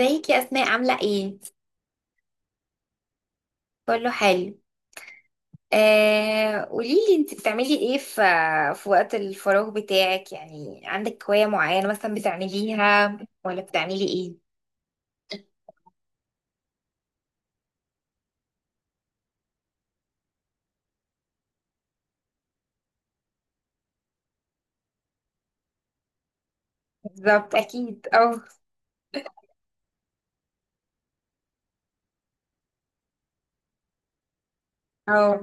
ازيك يا اسماء، عامله ايه؟ كله حلو. قوليلي، انت بتعملي ايه في وقت الفراغ بتاعك؟ يعني عندك هوايه معينه مثلا بتعمليها ولا بتعملي ايه؟ بالظبط، اكيد. اه. اه.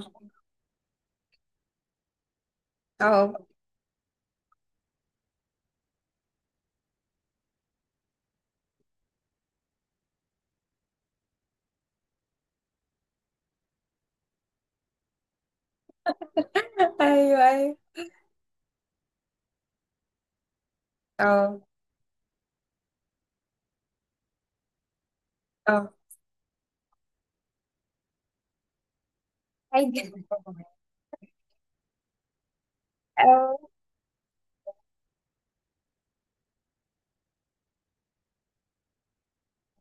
اه. ايوه ايوه. اه. اه. عادي. اه.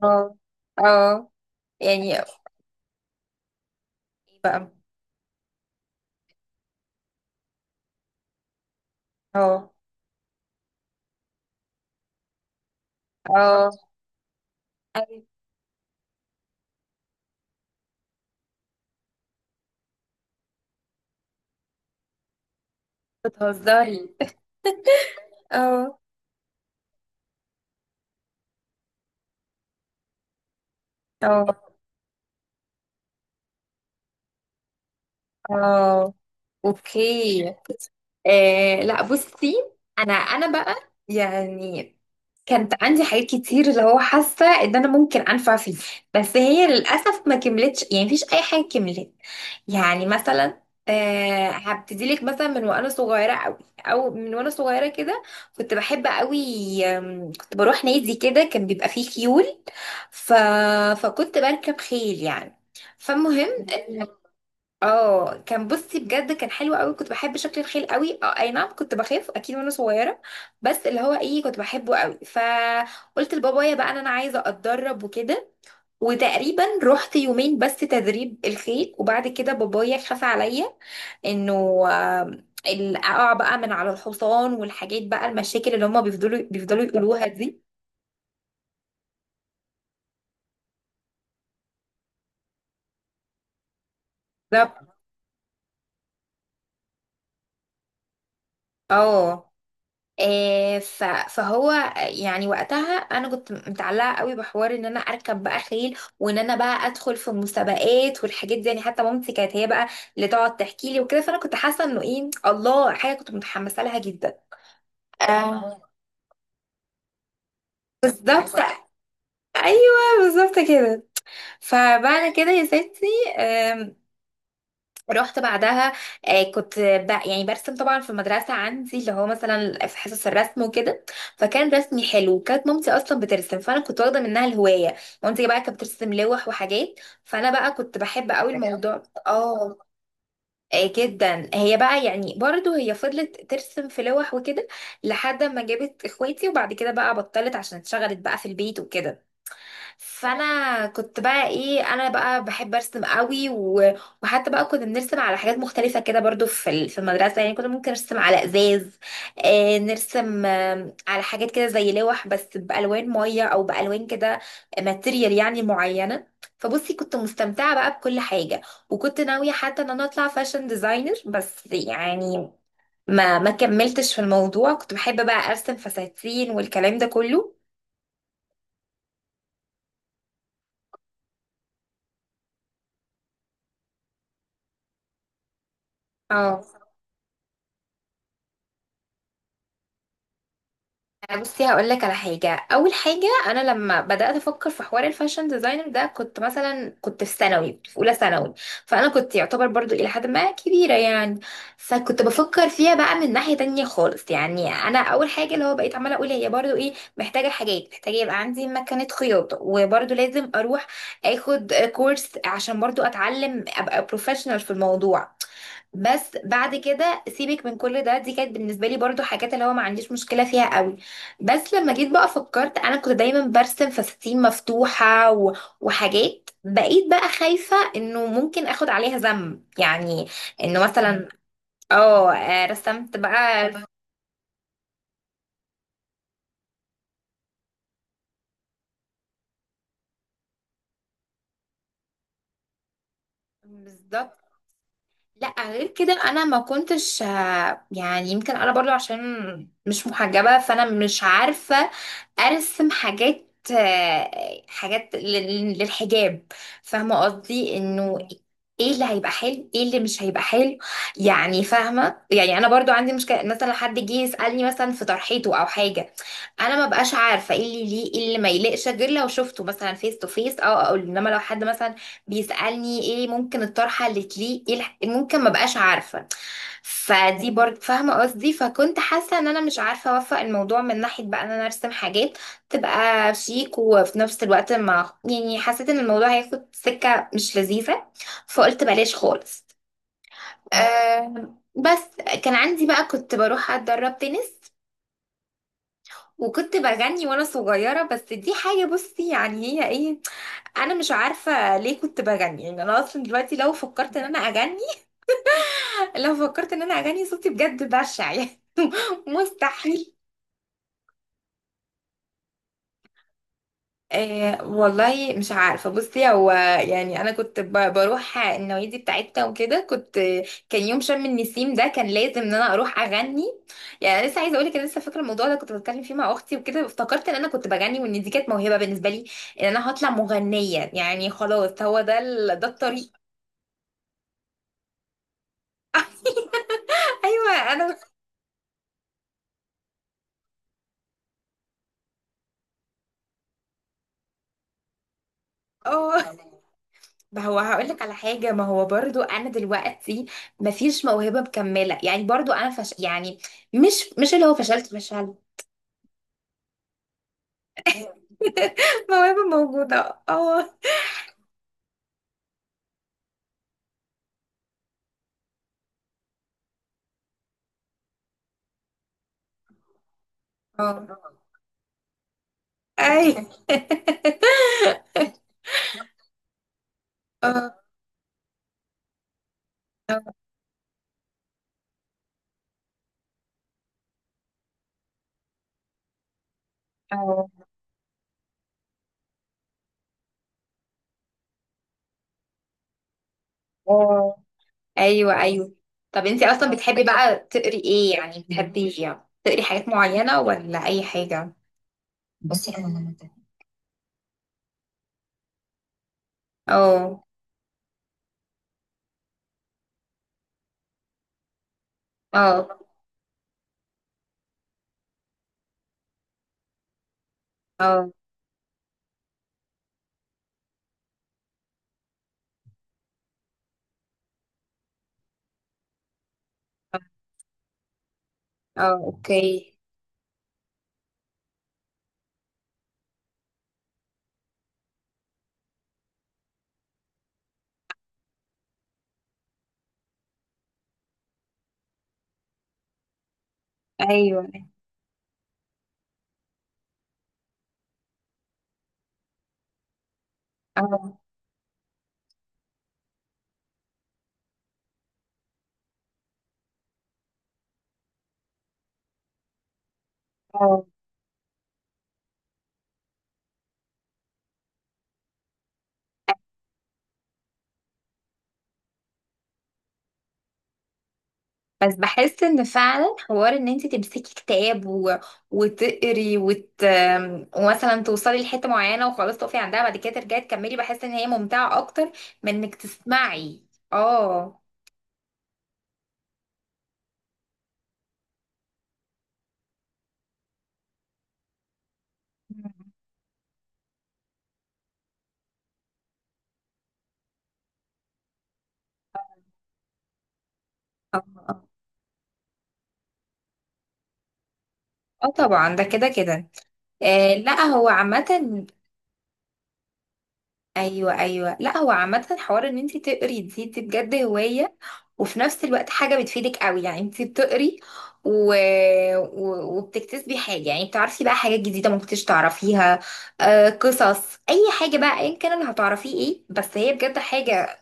اه. اه، يعني بقى. اه. اه. ايوه. بتهزري؟ اه. اه. اه. اوكي. لا، بصي. انا بقى، يعني كانت عندي حاجات كتير، اللي هو حاسه ان انا ممكن انفع فيه، بس هي للاسف ما كملتش، يعني مفيش اي حاجه كملت. يعني مثلا، هبتدي لك مثلا من وانا صغيره قوي، او من وانا صغيره كده كنت بحب قوي. كنت بروح نادي كده، كان بيبقى فيه خيول. ف... فكنت بركب خيل يعني. فالمهم، اه كان بصي بجد كان حلو قوي، كنت بحب شكل الخيل قوي. اه اي نعم، كنت بخاف اكيد وانا صغيره، بس اللي هو ايه كنت بحبه قوي. فقلت لبابايا بقى ان انا عايزه اتدرب وكده، وتقريبا رحت يومين بس تدريب الخيل، وبعد كده بابايا خاف عليا انه، آه، اقع بقى من على الحصان والحاجات، بقى المشاكل اللي هما بيفضلوا يقولوها دي. بالظبط. اه. فهو يعني وقتها انا كنت متعلقه قوي بحوار ان انا اركب بقى خيل، وان انا بقى ادخل في المسابقات والحاجات دي، يعني حتى مامتي كانت هي بقى اللي تقعد تحكي لي وكده، فانا كنت حاسه انه ايه الله، حاجه كنت متحمسه لها جدا. آه، بالظبط. ايوه بالظبط كده. فبعد كده يا ستي رحت بعدها. كنت يعني برسم طبعا في المدرسة عندي، اللي هو مثلا في حصص الرسم وكده، فكان رسمي حلو. كانت مامتي أصلا بترسم، فأنا كنت واخدة منها الهواية. مامتي بقى كانت بترسم لوح وحاجات، فأنا بقى كنت بحب قوي الموضوع. اه. جدا. هي بقى يعني برضو هي فضلت ترسم في لوح وكده لحد ما جابت اخواتي، وبعد كده بقى بطلت عشان اتشغلت بقى في البيت وكده. فانا كنت بقى ايه، انا بقى بحب ارسم قوي وحتى بقى كنا بنرسم على حاجات مختلفه كده، برضو في في المدرسه، يعني كنا ممكن نرسم على ازاز. نرسم على حاجات كده زي لوح، بس بالوان ميه او بالوان كده، ماتيريال يعني معينه. فبصي كنت مستمتعه بقى بكل حاجه، وكنت ناويه حتى ان انا اطلع فاشن ديزاينر، بس يعني ما كملتش في الموضوع. كنت بحب بقى ارسم فساتين والكلام ده كله. اه بصي هقول لك على حاجه. اول حاجه، انا لما بدات افكر في حوار الفاشن ديزاينر ده كنت مثلا، كنت في ثانوي، كنت في اولى ثانوي، فانا كنت يعتبر برضو الى حد ما كبيره يعني. فكنت بفكر فيها بقى من ناحيه تانية خالص، يعني انا اول حاجه اللي هو بقيت عماله اقول هي برضو ايه، محتاجه حاجات، محتاجه يبقى عندي مكنه خياطه، وبرضو لازم اروح اخد كورس عشان برضو اتعلم ابقى بروفيشنال في الموضوع. بس بعد كده سيبك من كل ده، دي كانت بالنسبه لي برضو حاجات اللي هو ما عنديش مشكله فيها قوي. بس لما جيت بقى فكرت، انا كنت دايما برسم فساتين مفتوحه وحاجات، بقيت بقى خايفه انه ممكن اخد عليها ذنب يعني. انه مثلا، اه رسمت بقى. بالظبط. لا غير كده انا ما كنتش، يعني يمكن انا برضو عشان مش محجبة، فانا مش عارفة ارسم حاجات، حاجات للحجاب، فاهمة قصدي انه ايه اللي هيبقى حلو ايه اللي مش هيبقى حلو. يعني فاهمة، يعني انا برضو عندي مشكلة، مثلا حد جه يسألني مثلا في طرحيته او حاجة، انا ما بقاش عارفة ايه اللي ليه ايه اللي ما يليقش، غير لو شفته مثلا فيس تو فيس. او اقول، انما لو حد مثلا بيسألني ايه ممكن الطرحة اللي تليق، ايه ممكن ما بقاش عارفة. فدي برضه، فاهمة قصدي، فكنت حاسة ان انا مش عارفة اوفق الموضوع، من ناحية بقى ان انا ارسم حاجات تبقى شيك، وفي نفس الوقت ما يعني حسيت ان الموضوع هياخد سكة مش لذيذة، فقلت بلاش خالص. أه بس كان عندي بقى كنت بروح اتدرب تنس، وكنت بغني وانا صغيرة، بس دي حاجة بصي يعني هي ايه، انا مش عارفه ليه كنت بغني. يعني انا اصلا دلوقتي لو فكرت ان انا اغني، لو فكرت ان انا اغني صوتي بجد بشع يعني. مستحيل. والله مش عارفه بصي، هو يعني انا كنت بروح النوادي بتاعتنا وكده، كان يوم شم النسيم ده كان لازم ان انا اروح اغني. يعني أنا لسه عايزه اقول لك، انا لسه فاكره الموضوع ده، كنت بتكلم فيه مع اختي وكده، افتكرت ان انا كنت بغني، وان دي كانت موهبه بالنسبه لي، ان انا هطلع مغنيه يعني، خلاص هو ده ده الطريق. ايوه انا. اه ما هو هقولك على حاجة، ما هو برضو أنا دلوقتي مفيش موهبة مكملة، يعني برضو أنا فش يعني، مش اللي هو فشلت. فشلت. موهبة موجودة اه. اه. أي اه. اه. اه. آه. أيوه أيوه. طب أنتي أصلا بتحبي بقى تقري إيه؟ يعني بتحبي يعني تقري حاجات معينة ولا أي حاجة؟ بس أنا لما اه. اه. اه. اه. أوكي. أيوه. اه. اه. بس بحس ان فعلا حوار ان انت تمسكي كتاب وتقري ومثلا توصلي لحته معينه، وخلاص تقفي عندها، بعد كده ترجعي تكملي، بحس ان هي ممتعه اكتر من انك تسمعي. اه. اه. آه طبعا ده كده كده. آه لا هو عامة. ايوه ايوه، لا هو عامه حوار ان انت تقري، دي بجد هوايه، وفي نفس الوقت حاجه بتفيدك قوي، يعني انت بتقري و... وبتكتسبي حاجه، يعني بتعرفي بقى حاجات جديده ما كنتش تعرفيها. قصص، اي حاجه بقى ايا كان اللي هتعرفيه ايه، بس هي بجد حاجه.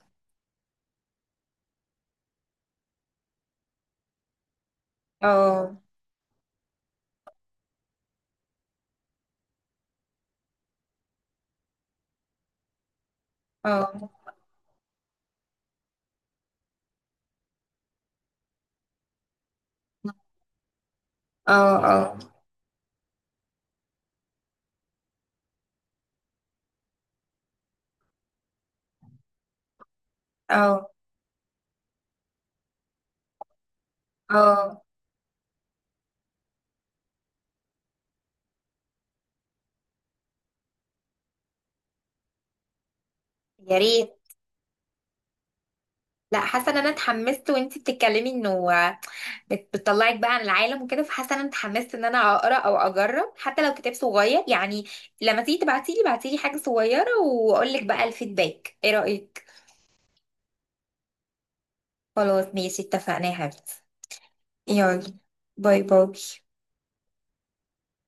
اه. اه. اه. اه. اه. اه. يا ريت. لا حاسه ان انا اتحمست وانت بتتكلمي، انه بتطلعك بقى عن العالم وكده، فحاسه ان انا اتحمست ان انا اقرا او اجرب حتى لو كتاب صغير يعني. لما تيجي تبعتيلي بعتيلي حاجه صغيره، واقول لك بقى الفيدباك ايه رايك. خلاص ماشي، اتفقنا يا حبيبتي. يلا، باي باي.